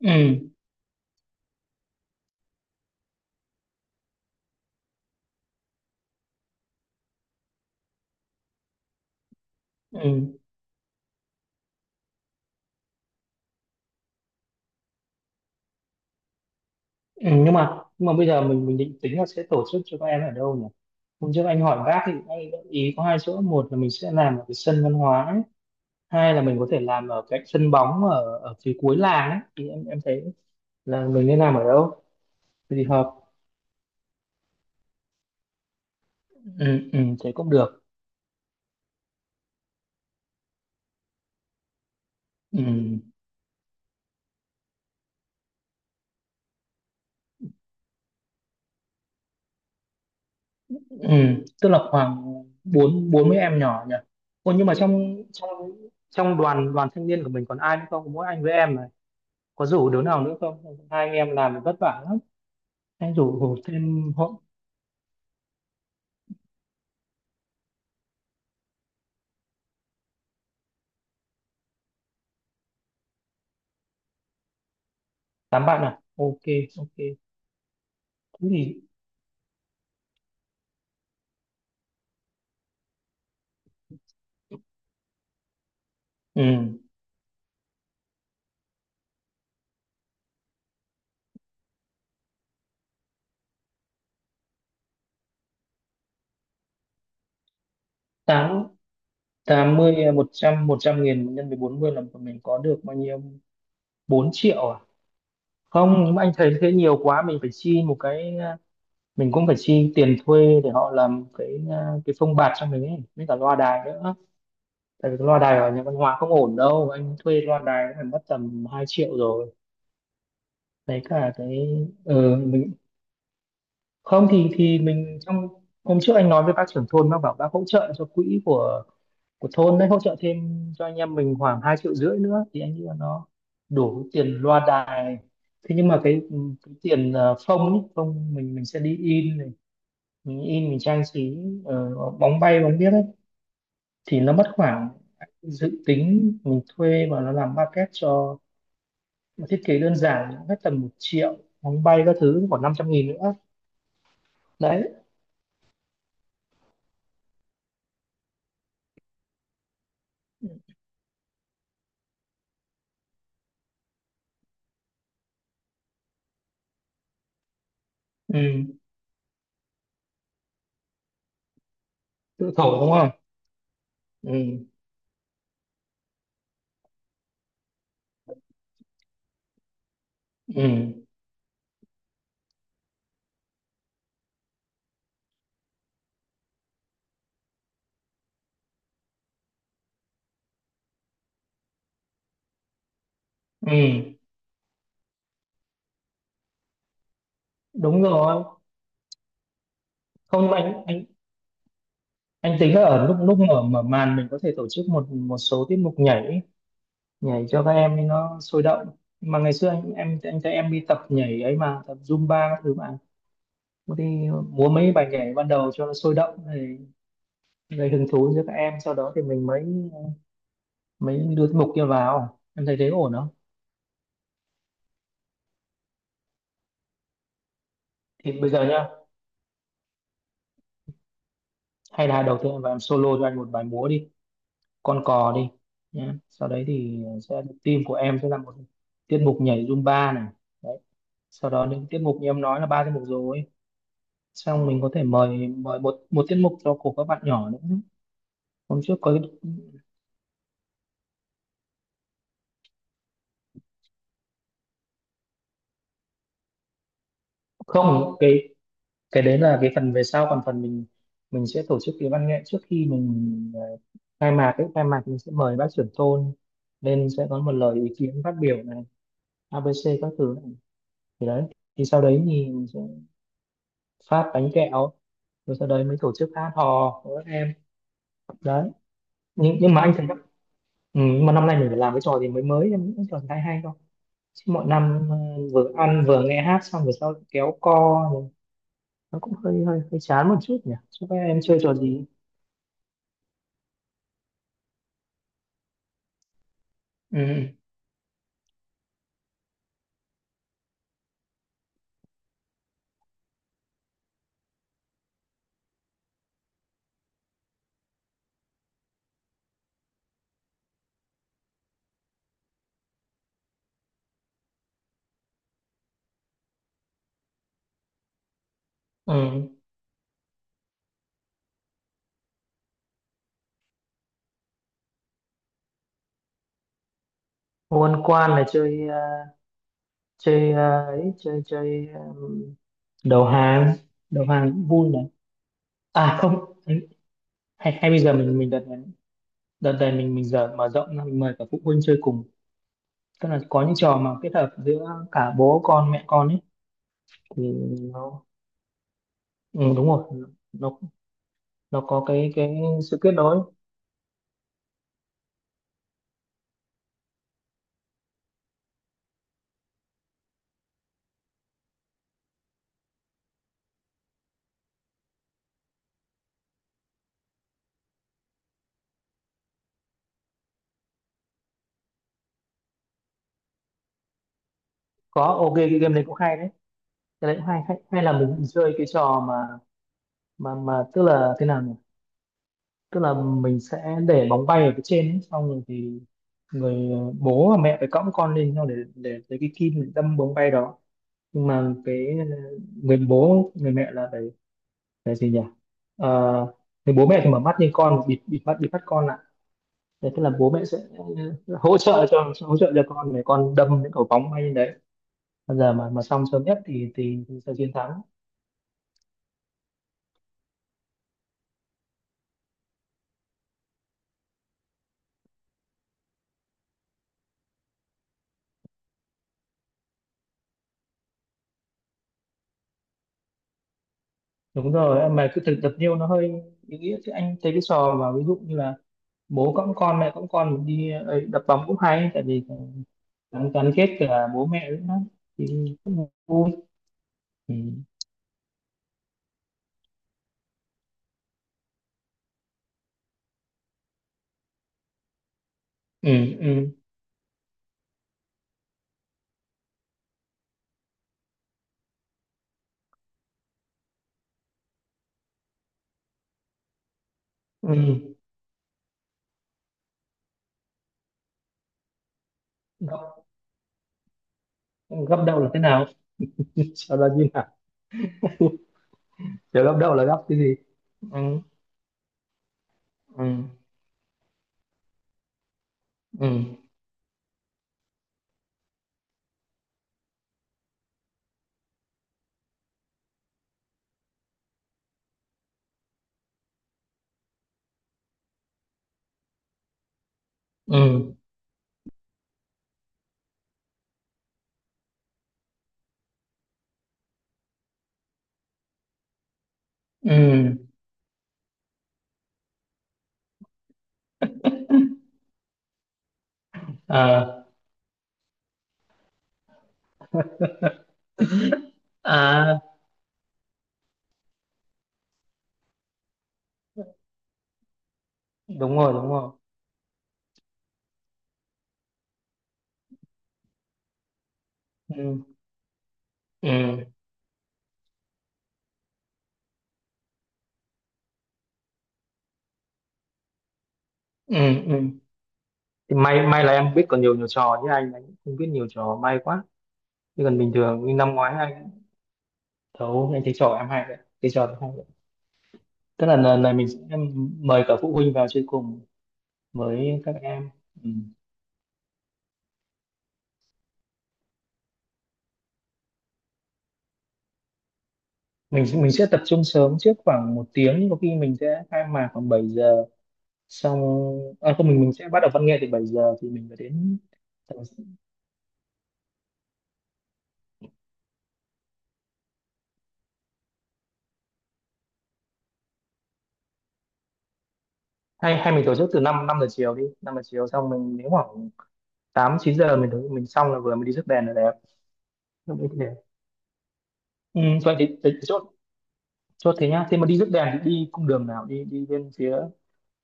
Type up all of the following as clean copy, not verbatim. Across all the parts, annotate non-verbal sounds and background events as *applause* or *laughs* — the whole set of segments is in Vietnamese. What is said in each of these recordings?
Ừ, ừ, ừ. Nhưng mà bây giờ mình định tính là sẽ tổ chức cho các em ở đâu nhỉ? Hôm trước anh hỏi bác thì anh gợi ý có hai chỗ. Một là mình sẽ làm ở cái sân văn hóa ấy. Hai là mình có thể làm ở cái sân bóng ở ở phía cuối làng ấy. Thì em thấy là mình nên làm ở đâu thì hợp? Ừ, ừ, thế cũng được. Ừ, ừ. Tức là khoảng bốn bốn mươi em nhỏ nhỉ? Ồ, nhưng mà trong trong trong đoàn đoàn thanh niên của mình còn ai nữa không, mỗi anh với em này? Có rủ đứa nào nữa không? Hai anh em làm thì vất vả lắm. Anh rủ rủ thêm họ. Tám bạn à? Ok, ok. Thế thì ừ, tám tám mươi à, một trăm nghìn nhân với 40 là mình có được bao nhiêu? 4 triệu à? Không, nhưng mà anh thấy thế nhiều quá, mình phải chi một cái à, mình cũng phải chi tiền thuê để họ làm cái à, cái phông bạt cho mình ấy, với cả loa đài nữa. Tại vì cái loa đài ở nhà văn hóa không ổn đâu, anh thuê loa đài cũng phải mất tầm 2 triệu rồi. Đấy cả cái ừ, không thì mình, trong hôm trước anh nói với bác trưởng thôn, bác bảo bác hỗ trợ cho quỹ của thôn đấy hỗ trợ thêm cho anh em mình khoảng 2,5 triệu nữa thì anh nghĩ là nó đủ tiền loa đài. Thế nhưng mà cái tiền phông ấy, phông mình sẽ đi in này, mình in mình trang trí ờ, bóng bay bóng biếc ấy thì nó mất khoảng, dự tính mình thuê và nó làm maquette cho, mà thiết kế đơn giản hết tầm 1 triệu, bóng bay các thứ khoảng 500.000 nữa. Đấy. Ừ, tự thổi đúng. Ừ. Ừ. Ừ, đúng rồi. Không anh tính là ở lúc lúc mở mở màn mình có thể tổ chức một một số tiết mục nhảy, nhảy cho các em ấy nó sôi động. Nhưng mà ngày xưa anh em anh thấy em đi tập nhảy ấy mà tập Zumba các thứ mà. Có đi múa mấy bài nhảy ban đầu cho nó sôi động thì gây hứng thú cho các em, sau đó thì mình mới mới đưa tiết mục kia vào. Em thấy thế ổn không? Thì bây giờ nhá, hay là đầu tiên em vào em solo cho anh một bài múa đi con cò đi nhé, sau đấy thì sẽ team của em sẽ là một tiết mục nhảy Zumba này. Đấy. Sau đó những tiết mục như em nói là ba tiết mục rồi, xong mình có thể mời mời một một tiết mục cho của các bạn nhỏ nữa. Hôm trước có cái- không, cái đấy là cái phần về sau, còn phần mình sẽ tổ chức cái văn nghệ trước khi mình khai mạc ấy, khai mạc mình sẽ mời bác trưởng thôn lên sẽ có một lời ý kiến phát biểu này, ABC các thứ này. Thì đấy, thì sau đấy thì phát bánh kẹo, rồi sau đấy mới tổ chức hát hò của các em. Đấy. Nhưng mà anh thấy các- ừ, nhưng mà năm nay mình phải làm cái trò gì mới mới, em nghĩ cái trò gì hay hay không? Chứ mọi năm vừa ăn vừa nghe hát xong rồi sau kéo co rồi nó cũng hơi hơi hơi chán một chút nhỉ, cho các em chơi trò gì? Ừ, ừ. Quân quan là chơi chơi ấy chơi chơi đầu hàng, đầu hàng cũng vui này. À không, hay hay bây giờ mình đợt này, đợt này mình giờ mở rộng ra, mình mời cả phụ huynh chơi cùng. Tức là có những trò mà kết hợp giữa cả bố con mẹ con ấy, thì nó ừ, đúng rồi, nó có cái sự kết nối. Có ok, cái game đấy cũng hay đấy. Cái đấy cũng hay hay, hay là mình chơi cái trò mà tức là thế nào nhỉ, tức là mình sẽ để bóng bay ở phía trên ấy, xong rồi thì người bố và mẹ phải cõng con lên nhau để lấy cái kim để đâm bóng bay đó. Nhưng mà cái người bố người mẹ là phải phải gì nhỉ? Ờ, người bố mẹ thì mở mắt nhưng con bịt, bịt mắt con lại. Đấy, tức là bố mẹ sẽ hỗ trợ cho con để con đâm những cầu bóng hay như đấy. Bây giờ mà xong sớm nhất thì thì sẽ chiến thắng. Đúng rồi, mà cứ thực tập nhiều nó hơi ý nghĩa. Chứ anh thấy cái trò mà ví dụ như là bố cõng con mẹ cõng con mình đi ấy, đập bóng cũng hay tại vì gắn gắn kết cả bố mẹ nữa thì cũng vui. Ừ. Ừ, ừ, ừ. Gấp, gấp đâu là thế nào, *laughs* sau đó như nào? Kiểu gấp đâu là gấp cái gì? Ừ, ừ, ừ, ừ, ừ. À, à, đúng rồi, đúng rồi. Ừ, ừ, ừ, ừ. Thì may là em biết còn nhiều nhiều trò, chứ anh cũng không biết nhiều trò, may quá. Chứ còn bình thường như năm ngoái anh thấu, anh thấy trò em hay đấy, cái trò đấy hay đấy. Tức là lần này mình sẽ mời cả phụ huynh vào chơi cùng với các em. Ừ. mình sẽ tập trung sớm trước khoảng một tiếng, có khi mình sẽ khai mạc khoảng 7 giờ xong. À, không, mình sẽ bắt đầu văn nghệ từ 7 giờ thì mình phải đến tầm-. Hay hay mình tổ chức từ 5, năm năm giờ chiều đi, 5 giờ chiều xong mình nếu khoảng 8, 9 giờ mình tới- mình xong là vừa mới đi rước đèn là đẹp. Lúc đấy thì đẹp. Ừ, vậy thì chốt, chốt thế nhá. Thế mà đi rước đèn thì đi cung đường nào, đi đi bên phía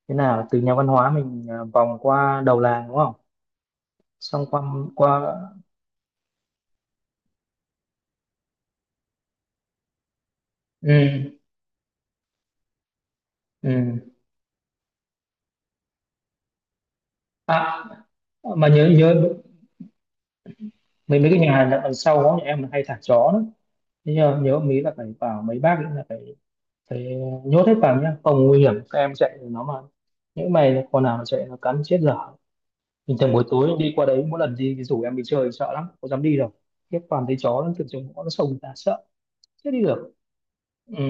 thế nào, từ nhà văn hóa mình à, vòng qua đầu làng đúng không? Xong qua qua. Ừ, ừ. À, mà nhớ nhớ mấy mấy cái nhà hàng đằng sau đó nhà em hay thả chó đó, thế nhớ nhớ mấy là phải vào mấy bác ấy là phải phải nhốt hết vào nhá, không nguy hiểm các em chạy nó mà, những mày còn nào mà chạy nó cắn chết dở. Bình thường buổi tối đi qua đấy, mỗi lần đi rủ em đi chơi sợ lắm có dám đi đâu, khiếp, toàn thấy chó nó từ trong ngõ nó sông người ta sợ chết đi được. Ừ.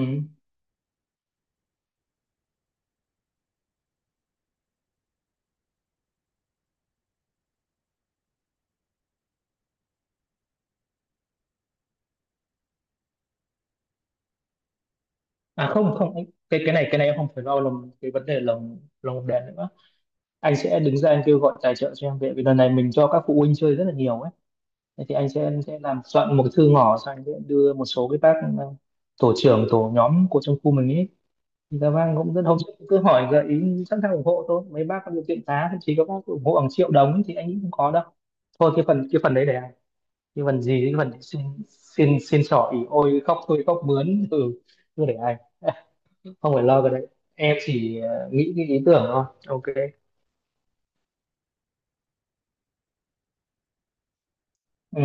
À không không anh-, cái này em không phải lo lồng, cái vấn đề lồng lồng đèn nữa. Anh sẽ đứng ra anh kêu gọi tài trợ cho em, về vì lần này mình cho các phụ huynh chơi rất là nhiều ấy. Thế thì anh sẽ làm soạn một cái thư ngỏ, xong anh sẽ đưa một số cái bác tổ trưởng tổ nhóm của trong khu mình ấy. Dạ vâng, cũng rất, hôm trước cứ hỏi gợi ý sẵn sàng ủng hộ thôi. Mấy bác có điều kiện giá thậm chí có bác ủng hộ bằng triệu đồng thì anh nghĩ không có đâu. Thôi cái phần, cái phần đấy để anh. Cái phần gì, cái phần xin, xin xin xỏ ỉ ôi, khóc thôi khóc mướn, ừ, cứ để anh. *laughs* Không phải lo cái đấy. Em chỉ nghĩ cái ý tưởng thôi. Ok. Ừ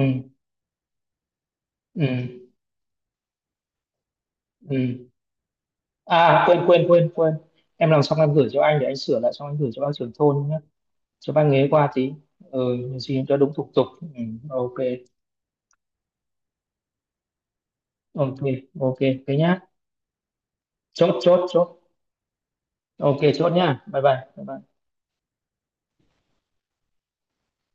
ừ ừ. À, quên quên quên quên. Em làm xong em gửi cho anh để anh sửa lại, xong anh gửi cho bác trưởng thôn nhé. Cho bác nghế qua tí. Ừ, xin cho đúng thủ tục. Ừ, ok. Ok ok thế nhá. Chốt chốt chốt. Ok chốt nhá, bye bye bye bye.